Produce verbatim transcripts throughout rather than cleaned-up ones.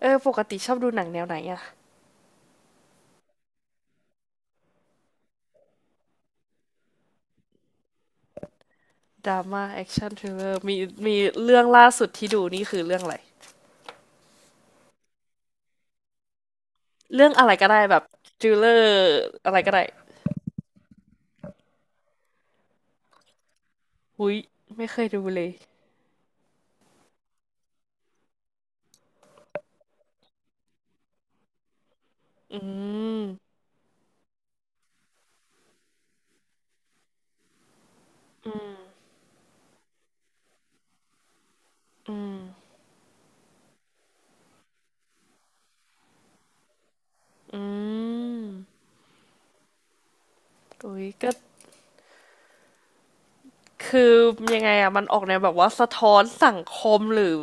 เออปกติชอบดูหนังแนวไหนอะดราม่าแอคชั่นทริลเลอร์มีมีเรื่องล่าสุดที่ดูนี่คือเรื่องอะไรเรื่องอะไรก็ได้แบบทริลเลอร์อะไรก็ได้หุยไม่เคยดูเลยอืมอืมอืมอืมอุ้ยก็คือยังไงอะมันออกแนวแบบว่าสะท้อนสังคมหรือ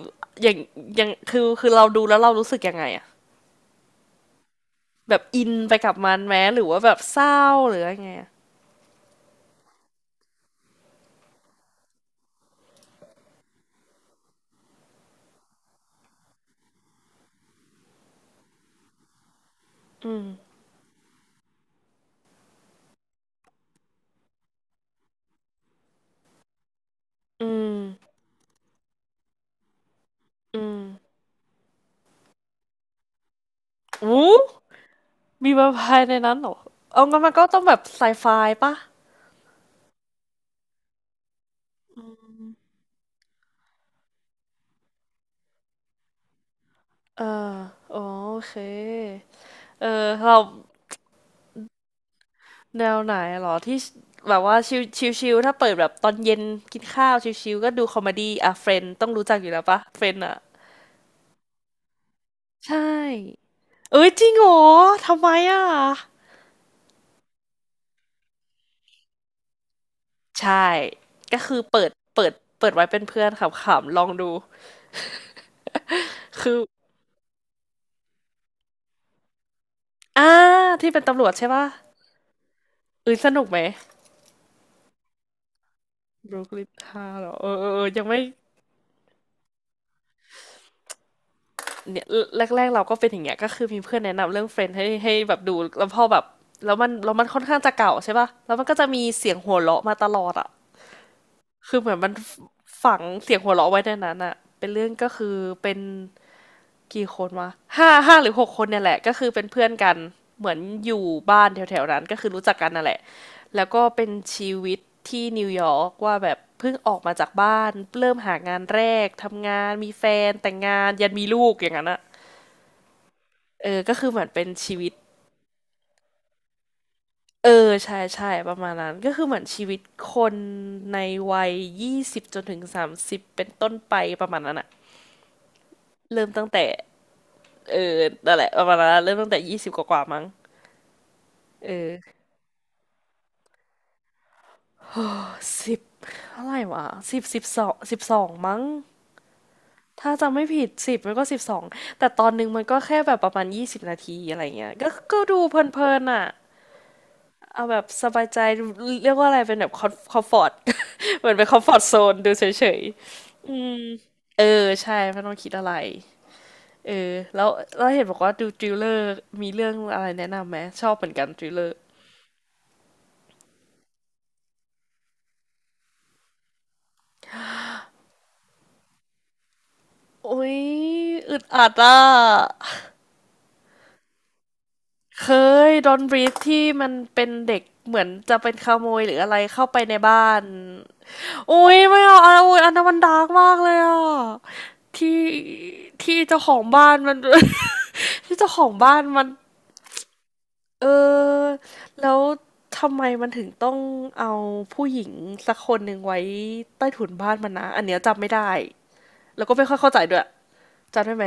อย่างอย่างคือคือเราดูแล้วเรารู้สึกยังไงอะแบบอินไปกับมันแม้หรือว่าแบบเศร้าหรือยังไงอะอืมอืมอืมอู้ มีแวมไพร์ในนั้นเหรอเอางั้นมันก็ต้องแบบไซไฟปะเอออ๋อโอเคเออเราแนวไหนเหรอที่แบบว่าชิลชิลชิลถ้าเปิดแบบตอนเย็นกินข้าวชิลชิลก็ดูคอมเมดี้อ่ะเฟรนต้องรู้จักอยู่แล้วปะเฟรนอะใช่เอ้ยจริงเหรอทำไมอ่ะใช่ก็คือเปิดเปิดเปิดไว้เป็นเพื่อนขำๆลองดูคืออ่าที่เป็นตำรวจใช่ปะเอ้ยสนุกไหมบรูคลินห้าเหรอเออเออเออยังไม่ เนี่ยแรกๆเราก็เป็นอย่างเงี้ยก็คือมีเพื่อนแนะนำเรื่อง Friends ให้ให้แบบดูแล้วพอแบบแล้วมันแล้วมันค่อนข้างจะเก่าใช่ป่ะแล้วมันก็จะมีเสียงหัวเราะมาตลอดอ่ะคือเหมือนมันฝังเสียงหัวเราะไว้ในนั้นอ่ะเป็นเรื่องก็คือเป็นกี่คนวะห้าห้าหรือหกคนเนี่ยแหละก็คือเป็นเพื่อนกันเหมือนอยู่บ้านแถวๆนั้นก็คือรู้จักกันนั่นแหละแล้วก็เป็นชีวิตที่นิวยอร์กว่าแบบเพิ่งออกมาจากบ้านเริ่มหางานแรกทำงานมีแฟนแต่งงานยันมีลูกอย่างนั้นอะ เออก็คือเหมือนเป็นชีวิตเออใช่ใช่ประมาณนั้น ก็คือเหมือนชีวิตคนในวัยยี่สิบจนถึงสามสิบเป็นต้นไปประมาณนั้นอะเริ่มตั้งแต่เออนั่นแหละประมาณนั้นอะเริ่มตั้งแต่ยี่สิบกว่าๆมั้งเออสิบเท่าไหร่วะสิบสิบสองสิบสองมั้งถ้าจำไม่ผิดสิบมันก็สิบสองแต่ตอนหนึงมันก็แค่แบบประมาณยี่สิบนาทีอะไรเงี้ยก็ก็ดูเพลินๆอ่ะเอาแบบสบายใจเรียกว่าอะไรเป็นแบบคอมฟอร์ต เหมือนเป็นคอมฟอร์ตโซนดูเฉย เออใช่ไม่ต้องคิดอะไรเออแล้วแล้วเห็นบอกว่าดูทริลเลอร์มีเรื่องอะไรแนะนำไหมชอบเหมือนกันทริลเลอร์โอ้ยอึดอัดอ่ะเคยดอนบรีฟที่มันเป็นเด็กเหมือนจะเป็นขโมยหรืออะไรเข้าไปในบ้านโอ้ยไม่เอาอันโอ้ยอันนั้นมันดาร์กมากเลยอ่ะที่ที่เจ้าของบ้านมัน ที่เจ้าของบ้านมัน เออแล้วทำไมมันถึงต้องเอาผู้หญิงสักคนหนึ่งไว้ใต้ถุนบ้านมันนะอันเนี้ยจำไม่ได้แล้วก็ไม่ค่อยเข้าใจด้วยจำได้ไหม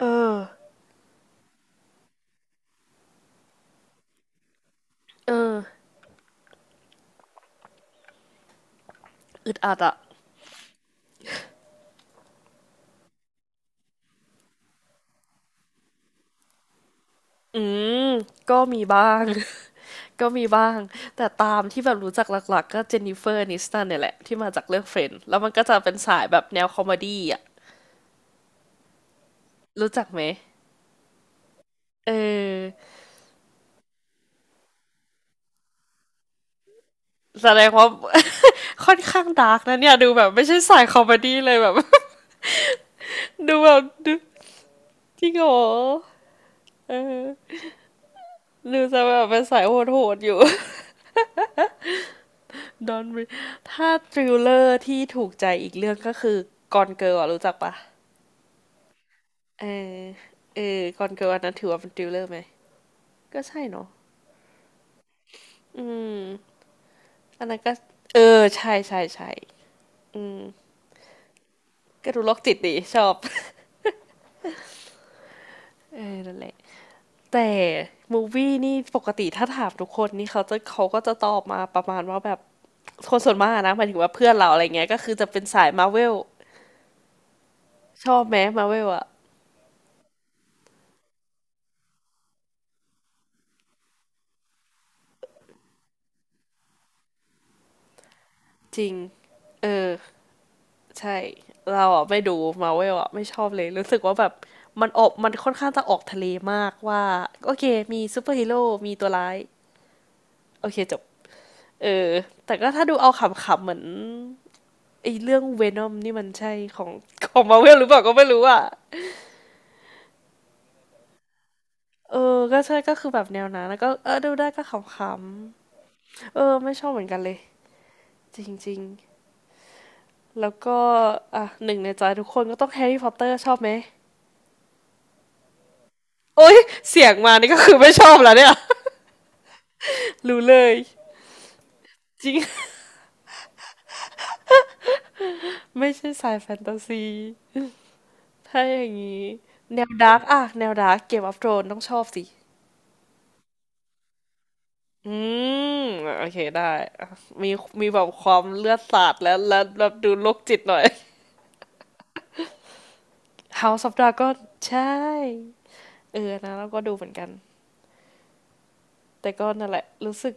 เออเอออึดอัดอ่ะอืมก็มีบ้าง ก็มีบ้างแต่ตามที่แบบรู้จักหลักๆก็เจนนิเฟอร์นิสตันเนี่ยแหละที่มาจากเรื่องเฟรนด์แล้วมันก็จะเป็นสายแบบแนวคอมเมดี้อ่ะรู้จักไหมเออแสดงว่า ค่อนข้างดาร์กนะเนี่ยดูแบบไม่ใช่สายคอมเมดี้เลยแบบ ดูแบบดูจริงเหรอเออดูจะแบบเป็นสายโหดๆอยู่ ดอนบรีถ้าทริลเลอร์ที่ถูกใจอีกเรื่องก็คือกอนเกิร์ลรู้จักปะเออเออกอนเกิร์ลอันนั้นถือว่าเป็นทริลเลอร์ไหมก็ใช่เนาะอืมอันนั้นก็เออใช่ใช่ใช่อืมก็ดูโรคจิตดีชอบ เออนั่นแหละแต่มูวี่นี่ปกติถ้าถามทุกคนนี่เขาจะเขาก็จะตอบมาประมาณว่าแบบคนส่วนมากนะหมายถึงว่าเพื่อนเราอะไรเงี้ยก็คือจะเป็นสายมาร์เวล ชอบไหมมาเวลอะจริงเออใช่เราอะไม่ดูมาเวลอะไม่ชอบเลยรู้สึกว่าแบบมันออกมันค่อนข้างจะออกทะเลมากว่าโอเคมีซูเปอร์ฮีโร่มีตัวร้ายโอเคจบเออแต่ก็ถ้าดูเอาขำๆเหมือนไอ้เรื่องเวนอมนี่มันใช่ของของมาเวลหรือเปล่าก็ไม่รู้อะเออก็ใช่ก็คือแบบแนวนั้นแล้วก็เออดูได้ก็ขำๆเออไม่ชอบเหมือนกันเลยจริงๆแล้วก็อ่ะหนึ่งในใจทุกคนก็ต้องแฮร์รี่พอตเตอร์ชอบไหม โอ้ยเสียงมานี่ก็คือไม่ชอบแล้วเนี่ย รู้เลยจริง ไม่ใช่สายแฟนตาซีถ้าอย่างนี้แนวดาร์กอะแนวดาร์กเกมออฟโธรนต้องชอบสิอืมโอเคได้อะมีมีแบบความเลือดสาดและและแบบดูโรคจิตหน่อย House of Dragon ใช่เออนะแล้วก็ดูเหมือนกันแต่ก็นั่นแหละรู้สึก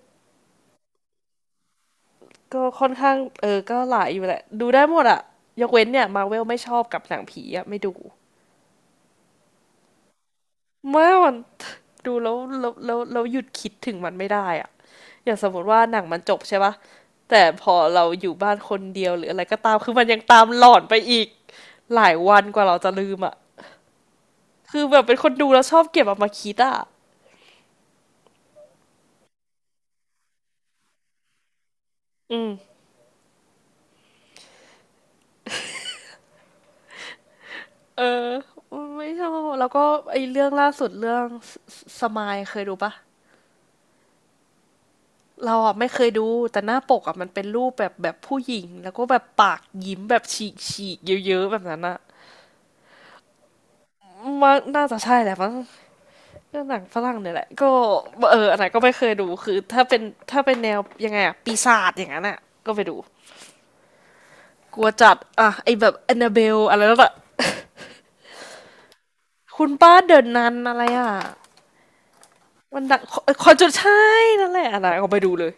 ก็ค่อนข้างเออก็หลายอยู่แหละดูได้หมดอะยกเว้นเนี่ยมาเวลไม่ชอบกับหนังผีอะไม่ดู เมื่อมัน ดูแล้วแล้วแล้วแล้วหยุดคิดถึงมันไม่ได้อะอย่างสมมติว่าหนังมันจบใช่ปะแต่พอเราอยู่บ้านคนเดียวหรืออะไรก็ตามคือมันยังตามหลอนไปอีกหลายวันกว่าเราจะลืมอะคือแบบเป็นคนดูแล้วชอบเก็บเอามาคิดอะอืมเออไม่ชอบแล้วก็ไอ้เรื่องล่าสุดเรื่องสสสมายเคยดูปะเราอ่ะไม่เคยดูแต่หน้าปกอะมันเป็นรูปแบบแบบผู้หญิงแล้วก็แบบปากยิ้มแบบฉีกฉีกเยอะๆแบบนั้นอะมันน่าจะใช่แหละมั้ง ก็หนังฝรั่งเนี่ยแหละก็เอออันไหนก็ไม่เคยดูคือถ้าเป็นถ้าเป็นแนวยังไงอะปีศาจอย่างนั้นอะก็ไปดูกลัวจัดอะไอแบบแอนนาเบลอะไรนั่นอะคุณป้าเดินนันอะไรอะมันดังคอนจุดใช่นั่นแหละอันไหนก็ไปดูเลย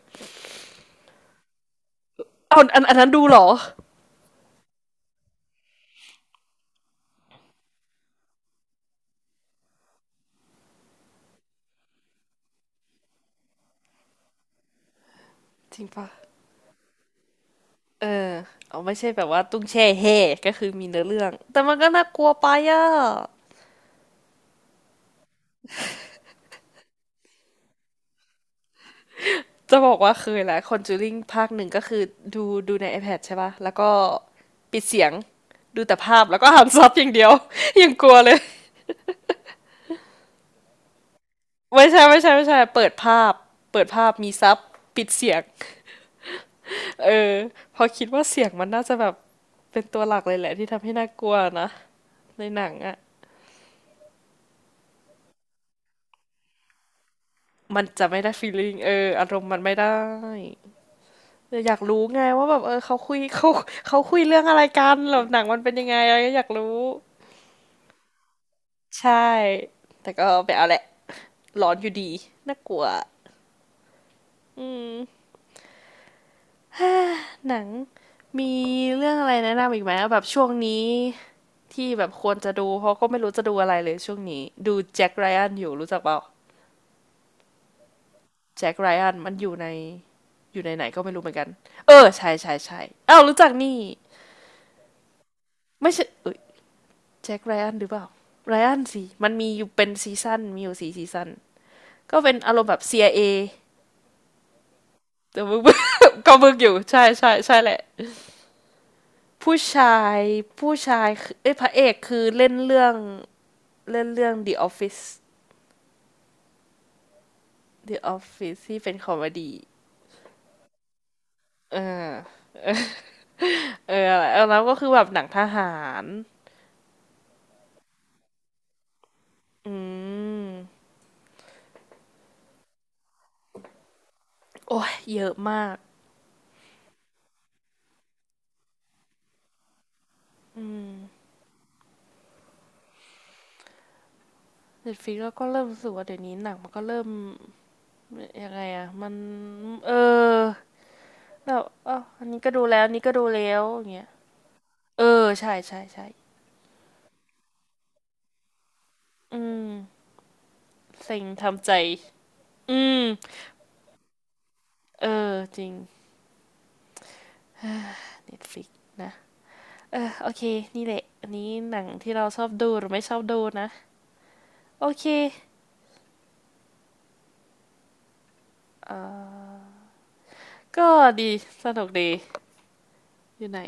เอาอันอันนั้นดูเหรอจริงปะเออเอาไม่ใช่แบบว่าตุ้งแช่เฮก็คือมีเนื้อเรื่องแต่มันก็น่ากลัวไปอะ จะบอกว่าเคยแหละ Conjuring ภาคหนึ่งก็คือดูดูใน iPad ใช่ป่ะแล้วก็ปิดเสียงดูแต่ภาพแล้วก็อ่าน ซับอย่างเดียว ยังกลัวเลยไม่ใช่ไม่ใช่ไม่ใช่เปิดภาพเปิดภาพมีซับปิดเสียงเออพอคิดว่าเสียงมันน่าจะแบบเป็นตัวหลักเลยแหละที่ทำให้น่ากลัวนะในหนังอะมันจะไม่ได้ feeling เอออารมณ์มันไม่ได้แต่อยากรู้ไงว่าแบบเออเขาคุยเขาเขาคุยเรื่องอะไรกันแล้วหนังมันเป็นยังไงอะไรก็อยากรู้ ใช่ แต่ก็ไปเอาแหละร้อนอยู่ดี น่ากลัวหนังมีเรื่องอะไรแนะนำอีกไหมแบบช่วงนี้ที่แบบควรจะดู เพราะก็ไม่รู้จะดูอะไรเลยช่วงนี้ ดูแจ็คไรอันอยู่รู้จักเปล่าแจ็คไรอันมันอยู่ในอยู่ในไหนก็ไม่รู้เหมือนกัน เออใช่ใช่ใช่เอ้ารู้จักนี่ไม่ใช่เอ้ยแจ็คไรอันหรือเปล่าไรอันสิ มันมีอยู่เป็นซีซั่นมีอยู่สี่ซีซั่นก็เป็นอารมณ์แบบ ซี ไอ เอ แต่มึง ก็มึงอยู่ใช่ใช่ใช่แหละ ผู้ชายผู้ชายคือเอ้ยพระเอกคือเล่นเรื่องเล่นเรื่อง The Office The Office ที่เป็นคอมเมดี้เออเออแล้วก็คือแบบหนังทหารอืมโอ้ยเยอะมากอืมเน็ตฟลิกก็เริ่มรู้สึกว่าเดี๋ยวนี้หนังมันก็เริ่มยังไงอะมันเออแบบอ้าวอันนี้ก็ดูแล้วอันนี้ก็ดูแล้วอย่างเงี้ยเออใช่ใช่ใช่อืมเซ็งทำใจอืมเออจริงเน็ตฟลิกนะ เออโอเคนี่แหละอันนี้หนังที่เราชอบดูหรือไม่ชอบดูนะโอเคก็ดีสนุกดีอยู่ไหน